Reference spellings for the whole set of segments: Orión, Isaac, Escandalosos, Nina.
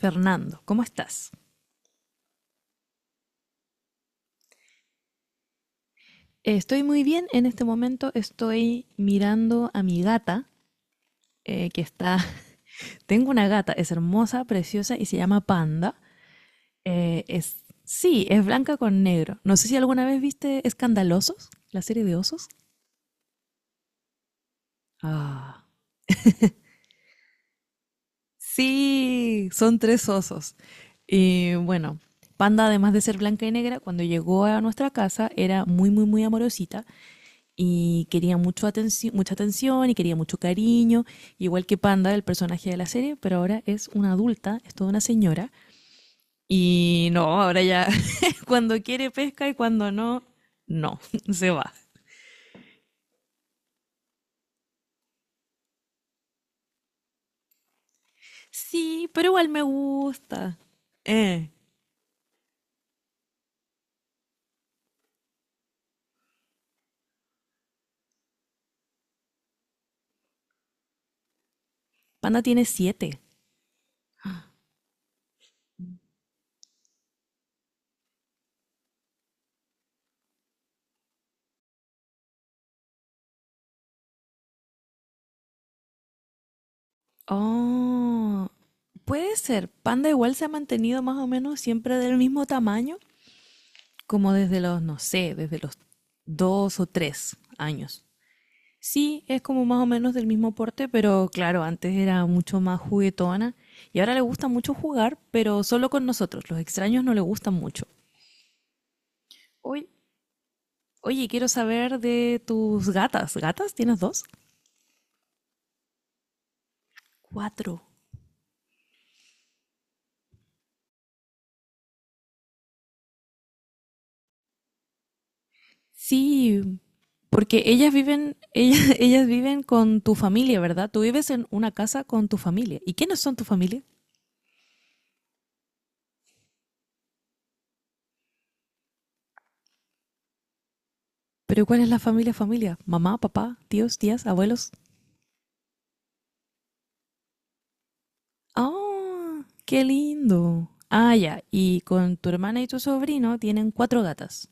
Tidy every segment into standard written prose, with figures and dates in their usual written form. Fernando, ¿cómo estás? Estoy muy bien en este momento, estoy mirando a mi gata, que está, tengo una gata, es hermosa, preciosa y se llama Panda. Es, sí, es blanca con negro. No sé si alguna vez viste Escandalosos, la serie de osos. Ah, sí, son tres osos. Y bueno, Panda, además de ser blanca y negra, cuando llegó a nuestra casa era muy, muy, muy amorosita y quería mucho mucha atención y quería mucho cariño, igual que Panda, el personaje de la serie, pero ahora es una adulta, es toda una señora. Y no, ahora ya cuando quiere pesca y cuando no, no, se va. Sí, pero igual me gusta. Eh, Panda tiene 7. Oh, puede ser. Panda igual se ha mantenido más o menos siempre del mismo tamaño, como desde los, no sé, desde los 2 o 3 años. Sí, es como más o menos del mismo porte, pero claro, antes era mucho más juguetona y ahora le gusta mucho jugar, pero solo con nosotros. Los extraños no le gustan mucho. Oye, oye, quiero saber de tus gatas. ¿Gatas? ¿Tienes dos? Cuatro. Sí, porque ellas viven con tu familia, ¿verdad? Tú vives en una casa con tu familia. ¿Y quiénes son tu familia? Pero ¿cuál es la familia familia? Mamá, papá, tíos, tías, abuelos. Oh, qué lindo. Ah, ya. Y con tu hermana y tu sobrino tienen cuatro gatas.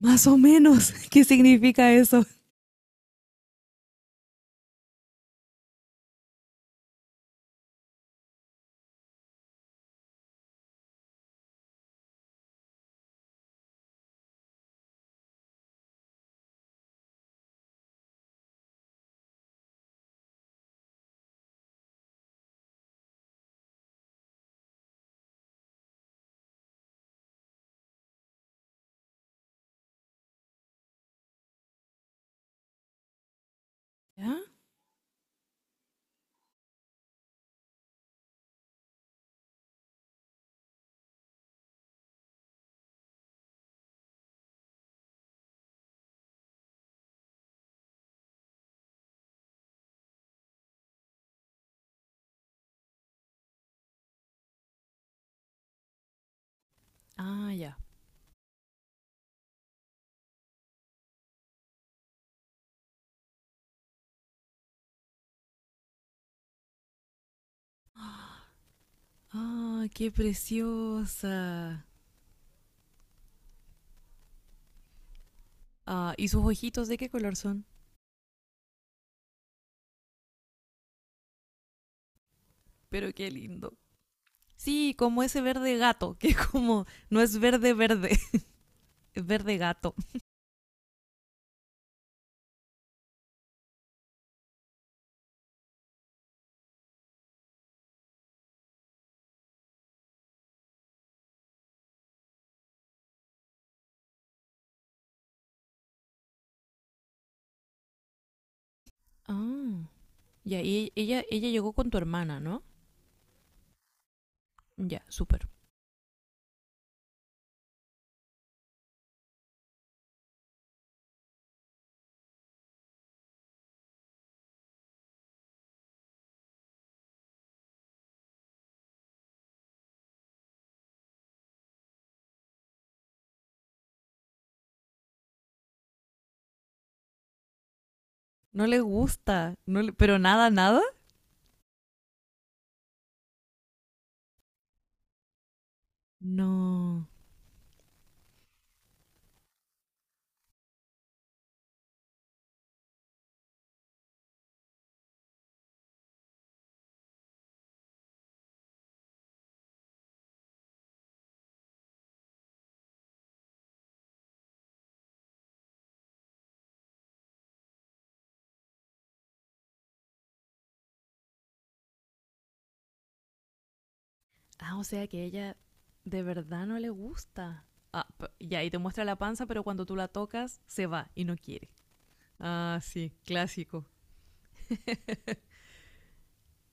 Más o menos, ¿qué significa eso? ¿Ya? Ah, ya. Ah, qué preciosa. Ah, ¿y sus ojitos de qué color son? Pero qué lindo. Sí, como ese verde gato, que como no es verde verde, es verde gato. Ah, ya. Y ella llegó con tu hermana, ¿no? Ya, súper. No le gusta, pero nada, nada. No. Ah, o sea que ella de verdad no le gusta. Ah, ya, y te muestra la panza, pero cuando tú la tocas, se va y no quiere. Ah, sí, clásico.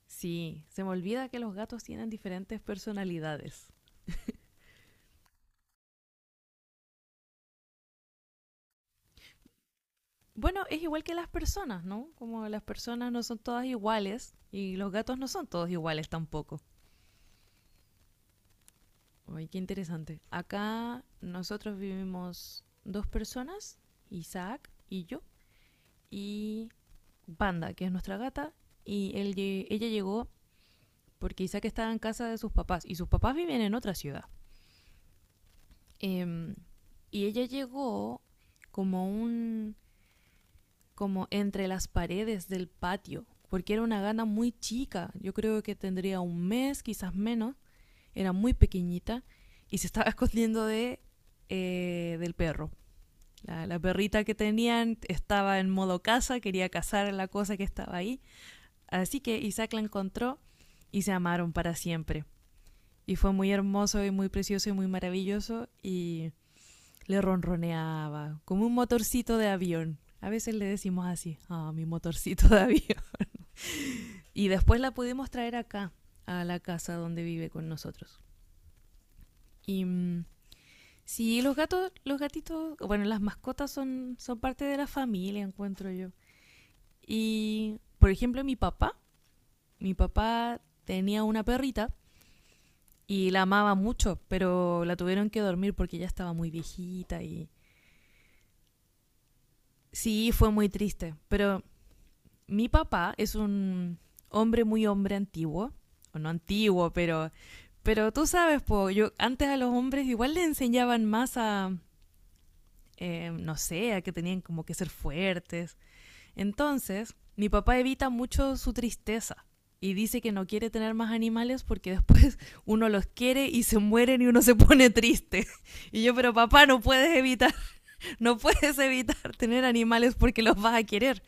Sí, se me olvida que los gatos tienen diferentes personalidades. Bueno, es igual que las personas, ¿no? Como las personas no son todas iguales y los gatos no son todos iguales tampoco. Ay, qué interesante. Acá nosotros vivimos dos personas, Isaac y yo, y Banda, que es nuestra gata, y ella llegó porque Isaac estaba en casa de sus papás y sus papás viven en otra ciudad. Em, y ella llegó como un como entre las paredes del patio, porque era una gana muy chica, yo creo que tendría un mes, quizás menos, era muy pequeñita y se estaba escondiendo de del perro. La perrita que tenían estaba en modo caza, quería cazar la cosa que estaba ahí, así que Isaac la encontró y se amaron para siempre. Y fue muy hermoso y muy precioso y muy maravilloso y le ronroneaba como un motorcito de avión. A veces le decimos así, ah, oh, mi motorcito de avión. Y después la pudimos traer acá, a la casa donde vive con nosotros. Y sí, los gatos, los gatitos, bueno, las mascotas son, son parte de la familia, encuentro yo. Y, por ejemplo, mi papá tenía una perrita y la amaba mucho, pero la tuvieron que dormir porque ya estaba muy viejita y sí, fue muy triste. Pero mi papá es un hombre muy hombre antiguo. O no antiguo, pero. Pero tú sabes, po, yo antes a los hombres igual le enseñaban más a. No sé, a que tenían como que ser fuertes. Entonces, mi papá evita mucho su tristeza. Y dice que no quiere tener más animales porque después uno los quiere y se mueren y uno se pone triste. Y yo, pero papá, no puedes evitar, no puedes evitar tener animales porque los vas a querer.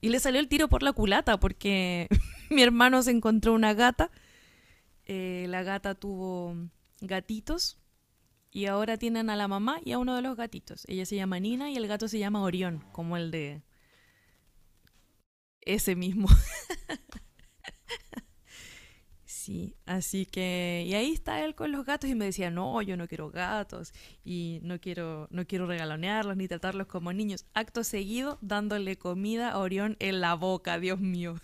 Y le salió el tiro por la culata porque mi hermano se encontró una gata, la gata tuvo gatitos y ahora tienen a la mamá y a uno de los gatitos. Ella se llama Nina y el gato se llama Orión, como el de ese mismo. Sí, así que y ahí está él con los gatos y me decía, "No, yo no quiero gatos y no quiero regalonearlos ni tratarlos como niños." Acto seguido dándole comida a Orión en la boca, Dios mío.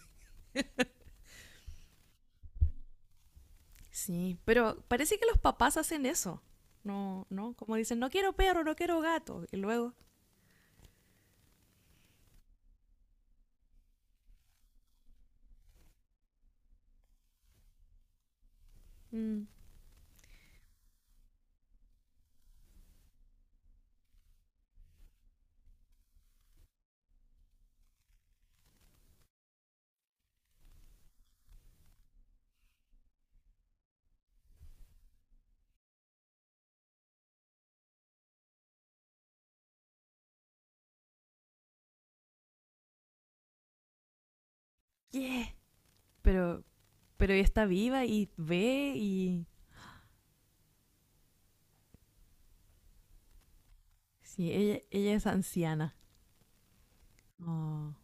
Sí, pero parece que los papás hacen eso. No, no, como dicen, no quiero perro, no quiero gato. Y luego, mm, yeah. Pero, pero ella está viva y ve y... Sí, ella es anciana. Oh.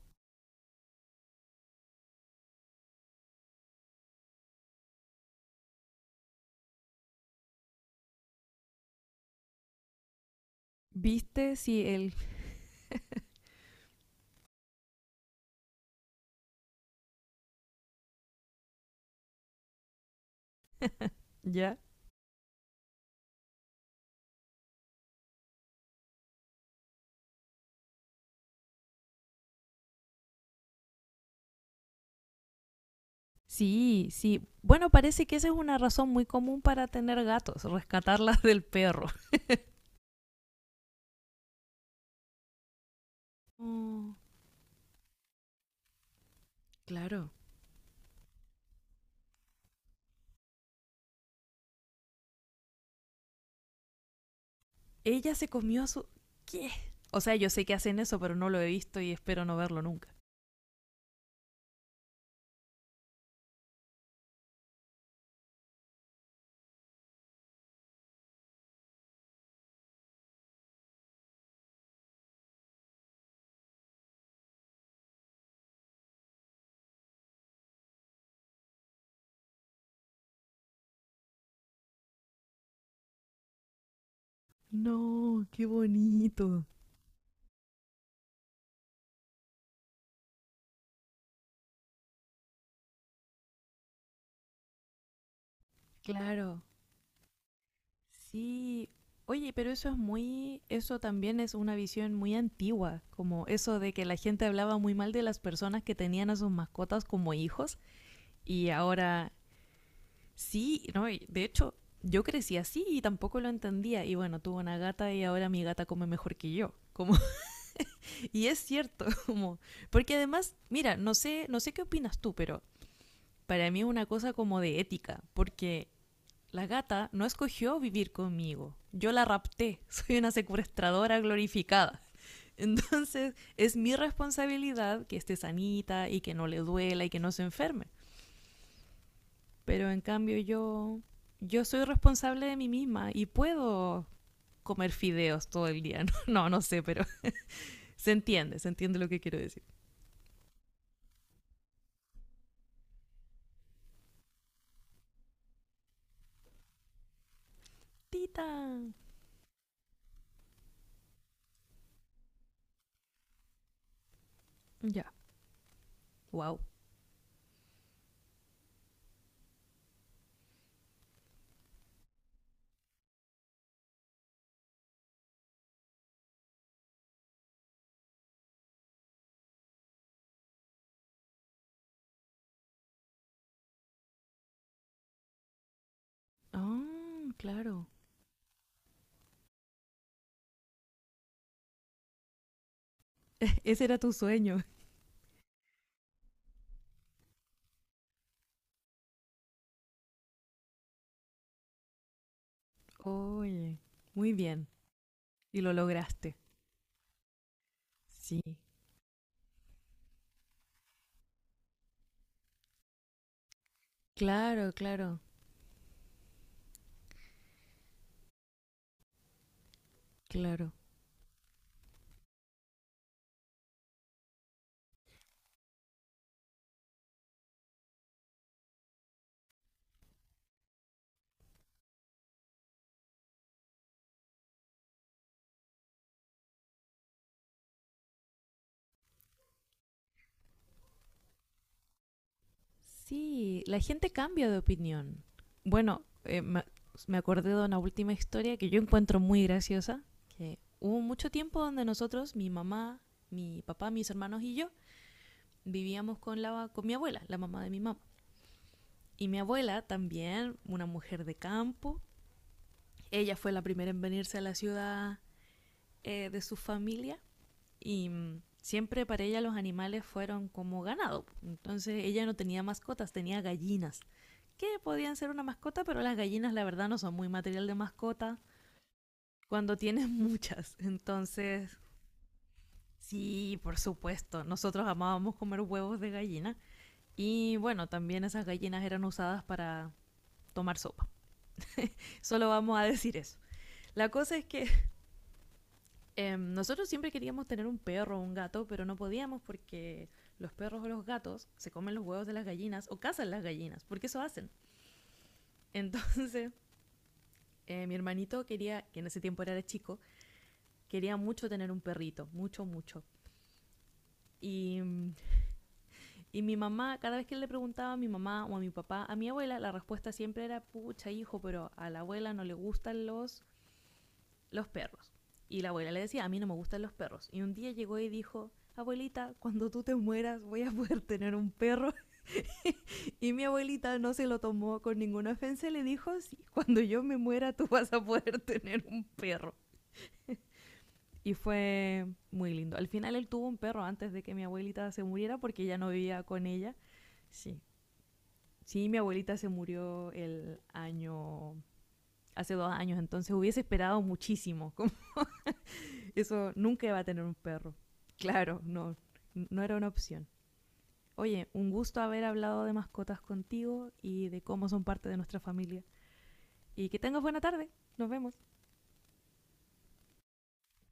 ¿Viste si él... ¿Ya? Sí, sí. Bueno, parece que esa es una razón muy común para tener gatos, rescatarlas del perro. Oh, claro. Ella se comió a su... ¿Qué? O sea, yo sé que hacen eso, pero no lo he visto y espero no verlo nunca. No, qué bonito. Claro, sí. Oye, pero eso es muy, eso también es una visión muy antigua, como eso de que la gente hablaba muy mal de las personas que tenían a sus mascotas como hijos y ahora sí, no, y de hecho yo crecí así y tampoco lo entendía y bueno, tuve una gata y ahora mi gata come mejor que yo, como y es cierto, como porque además, mira, no sé, no sé qué opinas tú, pero para mí es una cosa como de ética, porque la gata no escogió vivir conmigo. Yo la rapté. Soy una secuestradora glorificada. Entonces es mi responsabilidad que esté sanita y que no le duela y que no se enferme. Pero en cambio yo, yo soy responsable de mí misma y puedo comer fideos todo el día. No, no, no sé, pero se entiende lo que quiero decir. Tita. Ya. Wow. Ah, oh, claro. Ese era tu sueño. Oye. Muy bien. Y lo lograste. Sí. Claro, claro, claro. Sí, la gente cambia de opinión. Bueno, me acordé de una última historia que yo encuentro muy graciosa, que hubo mucho tiempo donde nosotros, mi mamá, mi papá, mis hermanos y yo, vivíamos con mi abuela, la mamá de mi mamá. Y mi abuela también, una mujer de campo, ella fue la primera en venirse a la ciudad de su familia y siempre para ella los animales fueron como ganado. Entonces ella no tenía mascotas, tenía gallinas, que podían ser una mascota, pero las gallinas la verdad no son muy material de mascota cuando tienes muchas. Entonces, sí, por supuesto, nosotros amábamos comer huevos de gallina y bueno, también esas gallinas eran usadas para tomar sopa. Solo vamos a decir eso. La cosa es que nosotros siempre queríamos tener un perro o un gato, pero no podíamos porque los perros o los gatos se comen los huevos de las gallinas o cazan las gallinas, porque eso hacen. Entonces, mi hermanito quería, que en ese tiempo era chico, quería mucho tener un perrito, mucho, mucho. Y, mm, y mi mamá, cada vez que le preguntaba a mi mamá o a mi papá, a mi abuela, la respuesta siempre era, pucha hijo, pero a la abuela no le gustan los perros. Y la abuela le decía, a mí no me gustan los perros. Y un día llegó y dijo, abuelita, cuando tú te mueras voy a poder tener un perro. Y mi abuelita no se lo tomó con ninguna ofensa le dijo, sí, cuando yo me muera tú vas a poder tener un perro. Y fue muy lindo. Al final él tuvo un perro antes de que mi abuelita se muriera porque ya no vivía con ella. Sí. Sí, mi abuelita se murió el año, hace 2 años, entonces hubiese esperado muchísimo. Eso nunca iba a tener un perro. Claro, no, no era una opción. Oye, un gusto haber hablado de mascotas contigo y de cómo son parte de nuestra familia. Y que tengas buena tarde. Nos vemos.